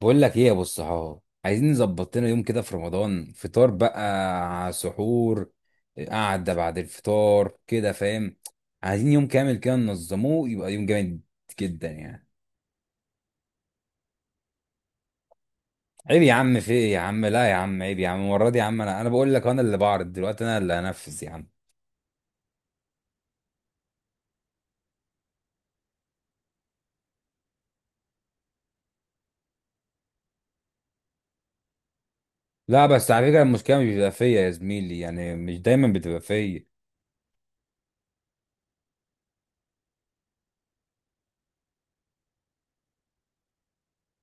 بقول لك ايه يا ابو الصحاب؟ عايزين نظبط لنا يوم كده في رمضان، فطار بقى، سحور، قعده بعد الفطار، كده فاهم؟ عايزين يوم كامل كده ننظموه، يبقى يوم جامد جدا يعني. عيب يا عم، في ايه يا عم، لا يا عم، عيب يا عم، المره دي يا عم انا بقول لك، انا اللي بعرض دلوقتي، انا اللي هنفذ يا عم. لا بس على فكره، المشكله مش بتبقى فيا يا زميلي، يعني مش دايما بتبقى فيا.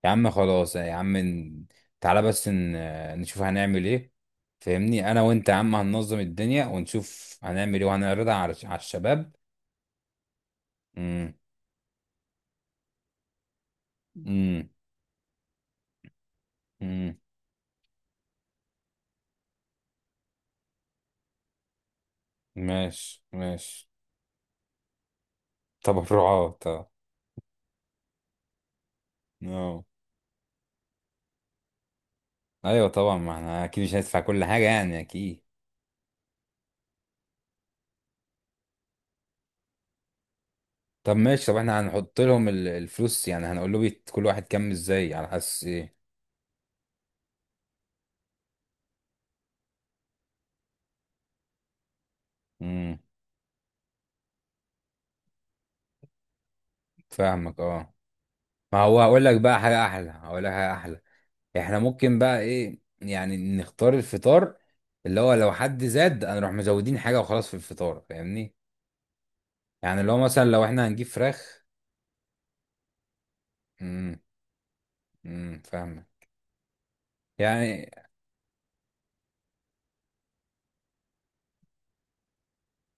يا عم خلاص يا عم، تعالى بس نشوف هنعمل ايه. فاهمني انا وانت يا عم، هننظم الدنيا ونشوف هنعمل ايه وهنعرضها على الشباب. امم. امم. امم. ماشي ماشي. تبرعات اه. آه. ايوه طبعا، ما احنا اكيد مش هندفع كل حاجه يعني، اكيد. طب ماشي، طب احنا هنحط لهم الفلوس، يعني هنقول له كل واحد كام، ازاي، على حس ايه. امم. فاهمك اه. ما هو هقول لك بقى حاجه احلى، هقول لك حاجه احلى. احنا ممكن بقى ايه يعني، نختار الفطار اللي هو لو حد زاد هنروح مزودين حاجة وخلاص في الفطار، فاهمني؟ يعني اللي هو مثلا لو احنا هنجيب فراخ. امم. فاهمة. يعني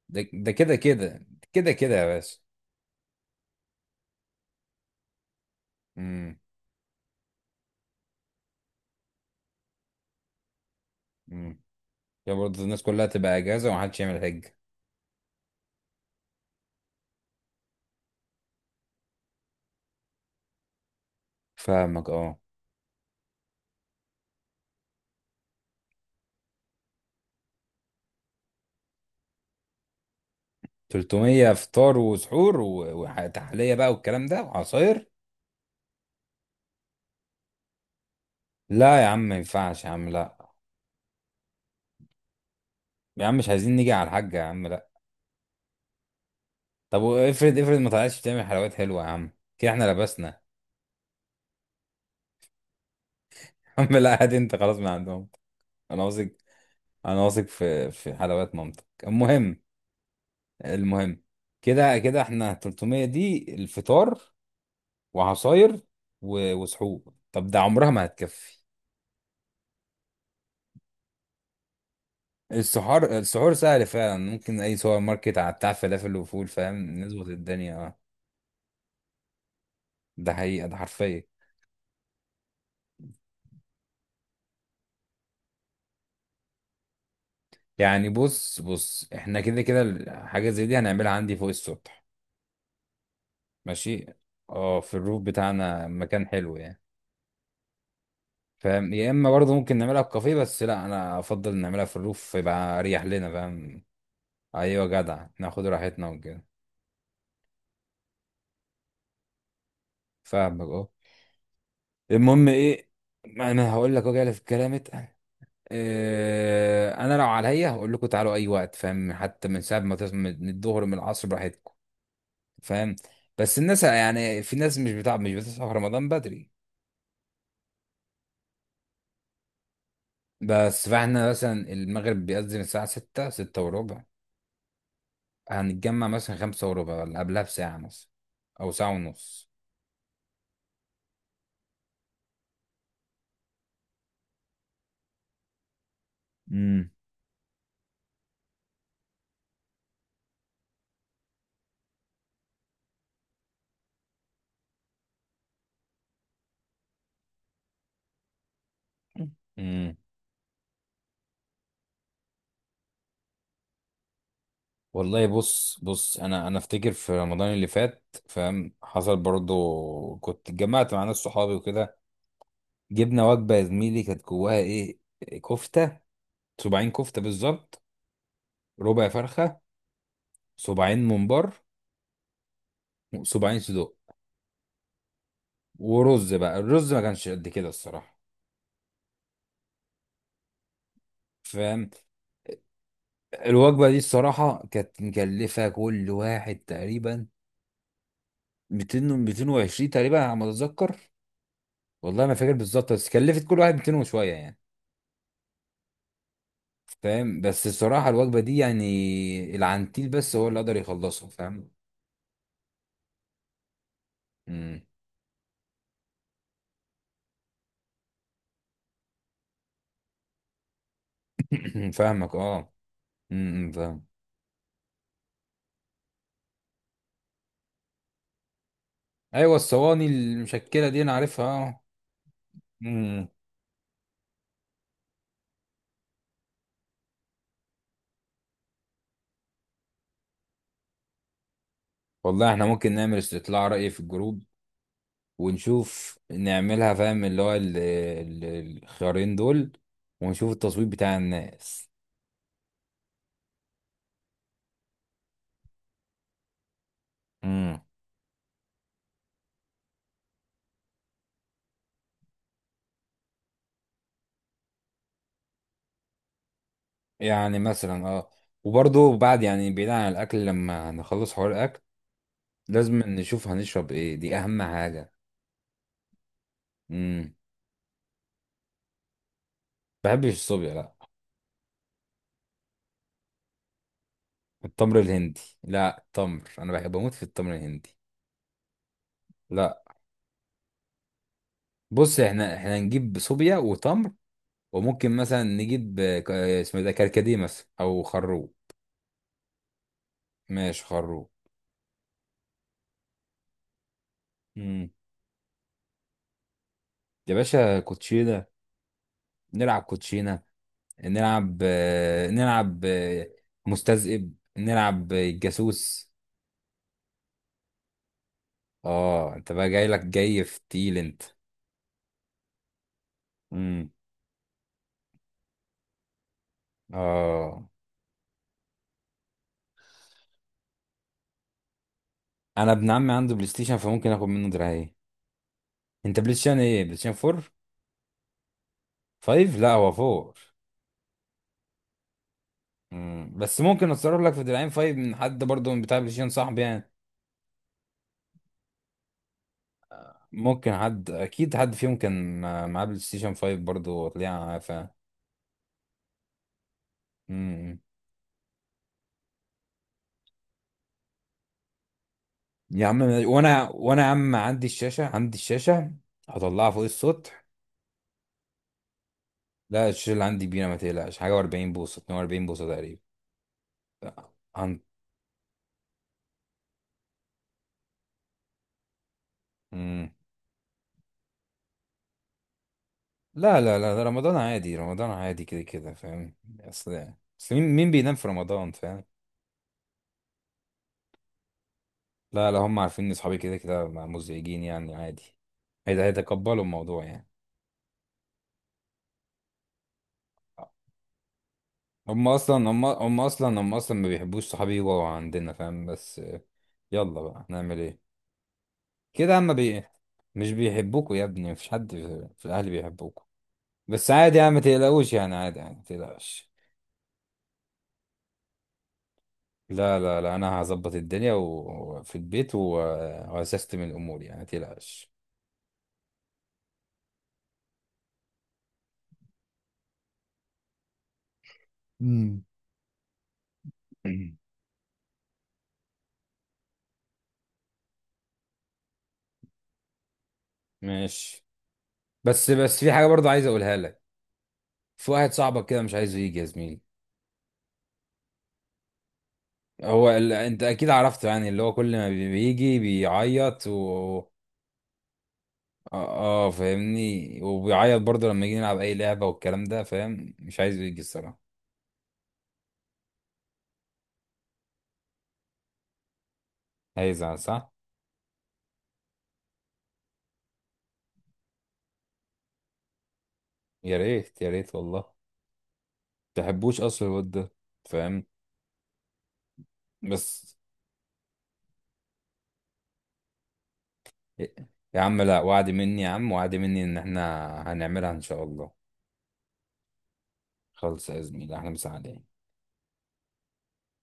ده كده كده. كده كده يا باشا. امم. امم. يا برضه الناس كلها تبقى اجازة ومحدش يعمل حاجة. فاهمك اه. 300 فطار وسحور وتحلية بقى والكلام ده وعصاير. لا يا عم ما ينفعش يا عم، لا يا عم، مش عايزين نيجي على الحاجة يا عم، لا. طب وافرض، افرض ما طلعتش بتعمل حلويات حلوه يا عم، كده احنا لبسنا. يا عم لا، هات انت خلاص من عندهم. انا واثق، انا واثق في في حلويات مامتك. المهم. المهم، كده كده احنا 300 دي الفطار وعصاير وسحور، طب ده عمرها ما هتكفي. السحور، السحور سهل فعلا، ممكن اي سوبر ماركت على بتاع فلافل وفول، فاهم؟ نظبط الدنيا اه. ده حقيقه، ده حرفيا. يعني بص بص، احنا كده كده حاجه زي دي هنعملها عندي فوق السطح. ماشي. اه، في الروف بتاعنا مكان حلو يعني. فاهم؟ يا اما برضه ممكن نعملها في كافيه، بس لا، انا افضل نعملها في الروف يبقى اريح لنا، فاهم؟ ايوه جدع، ناخد راحتنا وكده. فاهمك اه. المهم ايه؟ ما انا هقول لك، وجع في الكلام اتقل. إيه، انا لو عليا هقول لكم تعالوا اي وقت، فاهم، حتى من ساعه ما تصحوا، من الظهر، من العصر براحتكم. فاهم؟ بس الناس يعني، في ناس مش بتصحى في رمضان بدري. بس فاحنا مثلا المغرب بيأذن الساعه 6، 6 وربع. هنتجمع مثلا 5:15، ولا قبلها بساعة مثلا، أو ساعة ونص. امم. امم. والله بص بص، انا افتكر في رمضان اللي فات، فاهم، حصل برضو، كنت اتجمعت مع ناس صحابي وكده. جبنا وجبه يا زميلي كانت جواها ايه، كفته، صباعين كفته بالظبط، ربع فرخه، صباعين ممبار، صباعين صدوق. ورز، بقى الرز ما كانش قد كده الصراحه. فاهم. الوجبه دي الصراحه كانت مكلفه كل واحد تقريبا 200 و 220 تقريبا على ما اتذكر. والله ما فاكر بالظبط، بس كلفت كل واحد 200 وشويه يعني. فاهم، بس الصراحه الوجبه دي يعني العنتيل بس هو اللي قدر يخلصها. فاهم. مم. فاهمك اه. مم، فاهم. ايوه الصواني، المشكله دي انا عارفها اه. مم. والله احنا ممكن نعمل استطلاع رأي في الجروب ونشوف نعملها، فاهم، اللي هو الخيارين دول، ونشوف التصويت بتاع الناس. يعني مثلا اه. وبرضه بعد يعني، بعيد عن الاكل، لما نخلص حوار الاكل لازم نشوف هنشرب ايه، دي اهم حاجه. امم. بحبش الصوبيا لا. التمر الهندي، لا التمر، انا بحب بموت في التمر الهندي. لا بص، احنا احنا نجيب صوبيا وتمر، وممكن مثلا نجيب اسمه ده كركديه مثلا، او خروب. ماشي خروب. امم. يا باشا كوتشينه، نلعب كوتشينه. نلعب نلعب مستذئب، نلعب جاسوس. اه انت بقى جاي لك جاي في تيل انت. امم. اه انا ابن عمي عنده بلاي ستيشن، فممكن اخد منه دراعين. انت بلاي ستيشن ايه؟ بلاي ستيشن 4؟ 5 لا هو؟ 4. امم، بس ممكن اتصرف لك في دراعين 5 من حد برضه، من بتاع بلاي ستيشن صاحبي يعني. ممكن حد اكيد حد فيهم كان معاه بلاي ستيشن 5 برضه وطلع ف. امم. يا عم وانا يا عم عندي الشاشه، عندي الشاشه، هطلعها فوق السطح. لا الشاشه اللي عندي كبيره، ما تقلقش حاجه، و40 بوصه، 42 بوصه تقريبا. مم. لا لا لا، ده رمضان عادي، رمضان عادي كده كده فاهم. اصل، اصل مين بينام في رمضان، فاهم. لا لا، هم عارفين ان اصحابي كده كده مزعجين يعني عادي. هيدا هيتقبلوا الموضوع يعني. هم اصلا، هم اصلا ما بيحبوش صحابي يبقوا عندنا، فاهم، بس آه. يلا بقى نعمل ايه. كده اما بي. مش بيحبوكوا يا ابني، مفيش حد في في الاهل بيحبوكوا، بس عادي يعني، ما تقلقوش يعني عادي يعني ما تقلقش. لا لا لا، انا هظبط الدنيا وفي البيت وهسستم الامور يعني ما تقلقش. امم. مم. ماشي. بس بس في حاجه برضه عايز اقولها لك. في واحد صاحبك كده مش عايزه يجي يا زميلي. هو ال... انت اكيد عرفته يعني، اللي هو كل ما بيجي بيعيط و. اه. آه فاهمني، وبيعيط برضه لما يجي نلعب اي لعبه والكلام ده، فاهم، مش عايزه يجي الصراحه. هيزعل صح. يا ريت يا ريت، والله ما تحبوش اصلا الواد ده، فاهم، بس. يا عم لا، وعد مني يا عم، وعد مني ان احنا هنعملها ان شاء الله. خلص يا زميلي احنا، مسا عليك.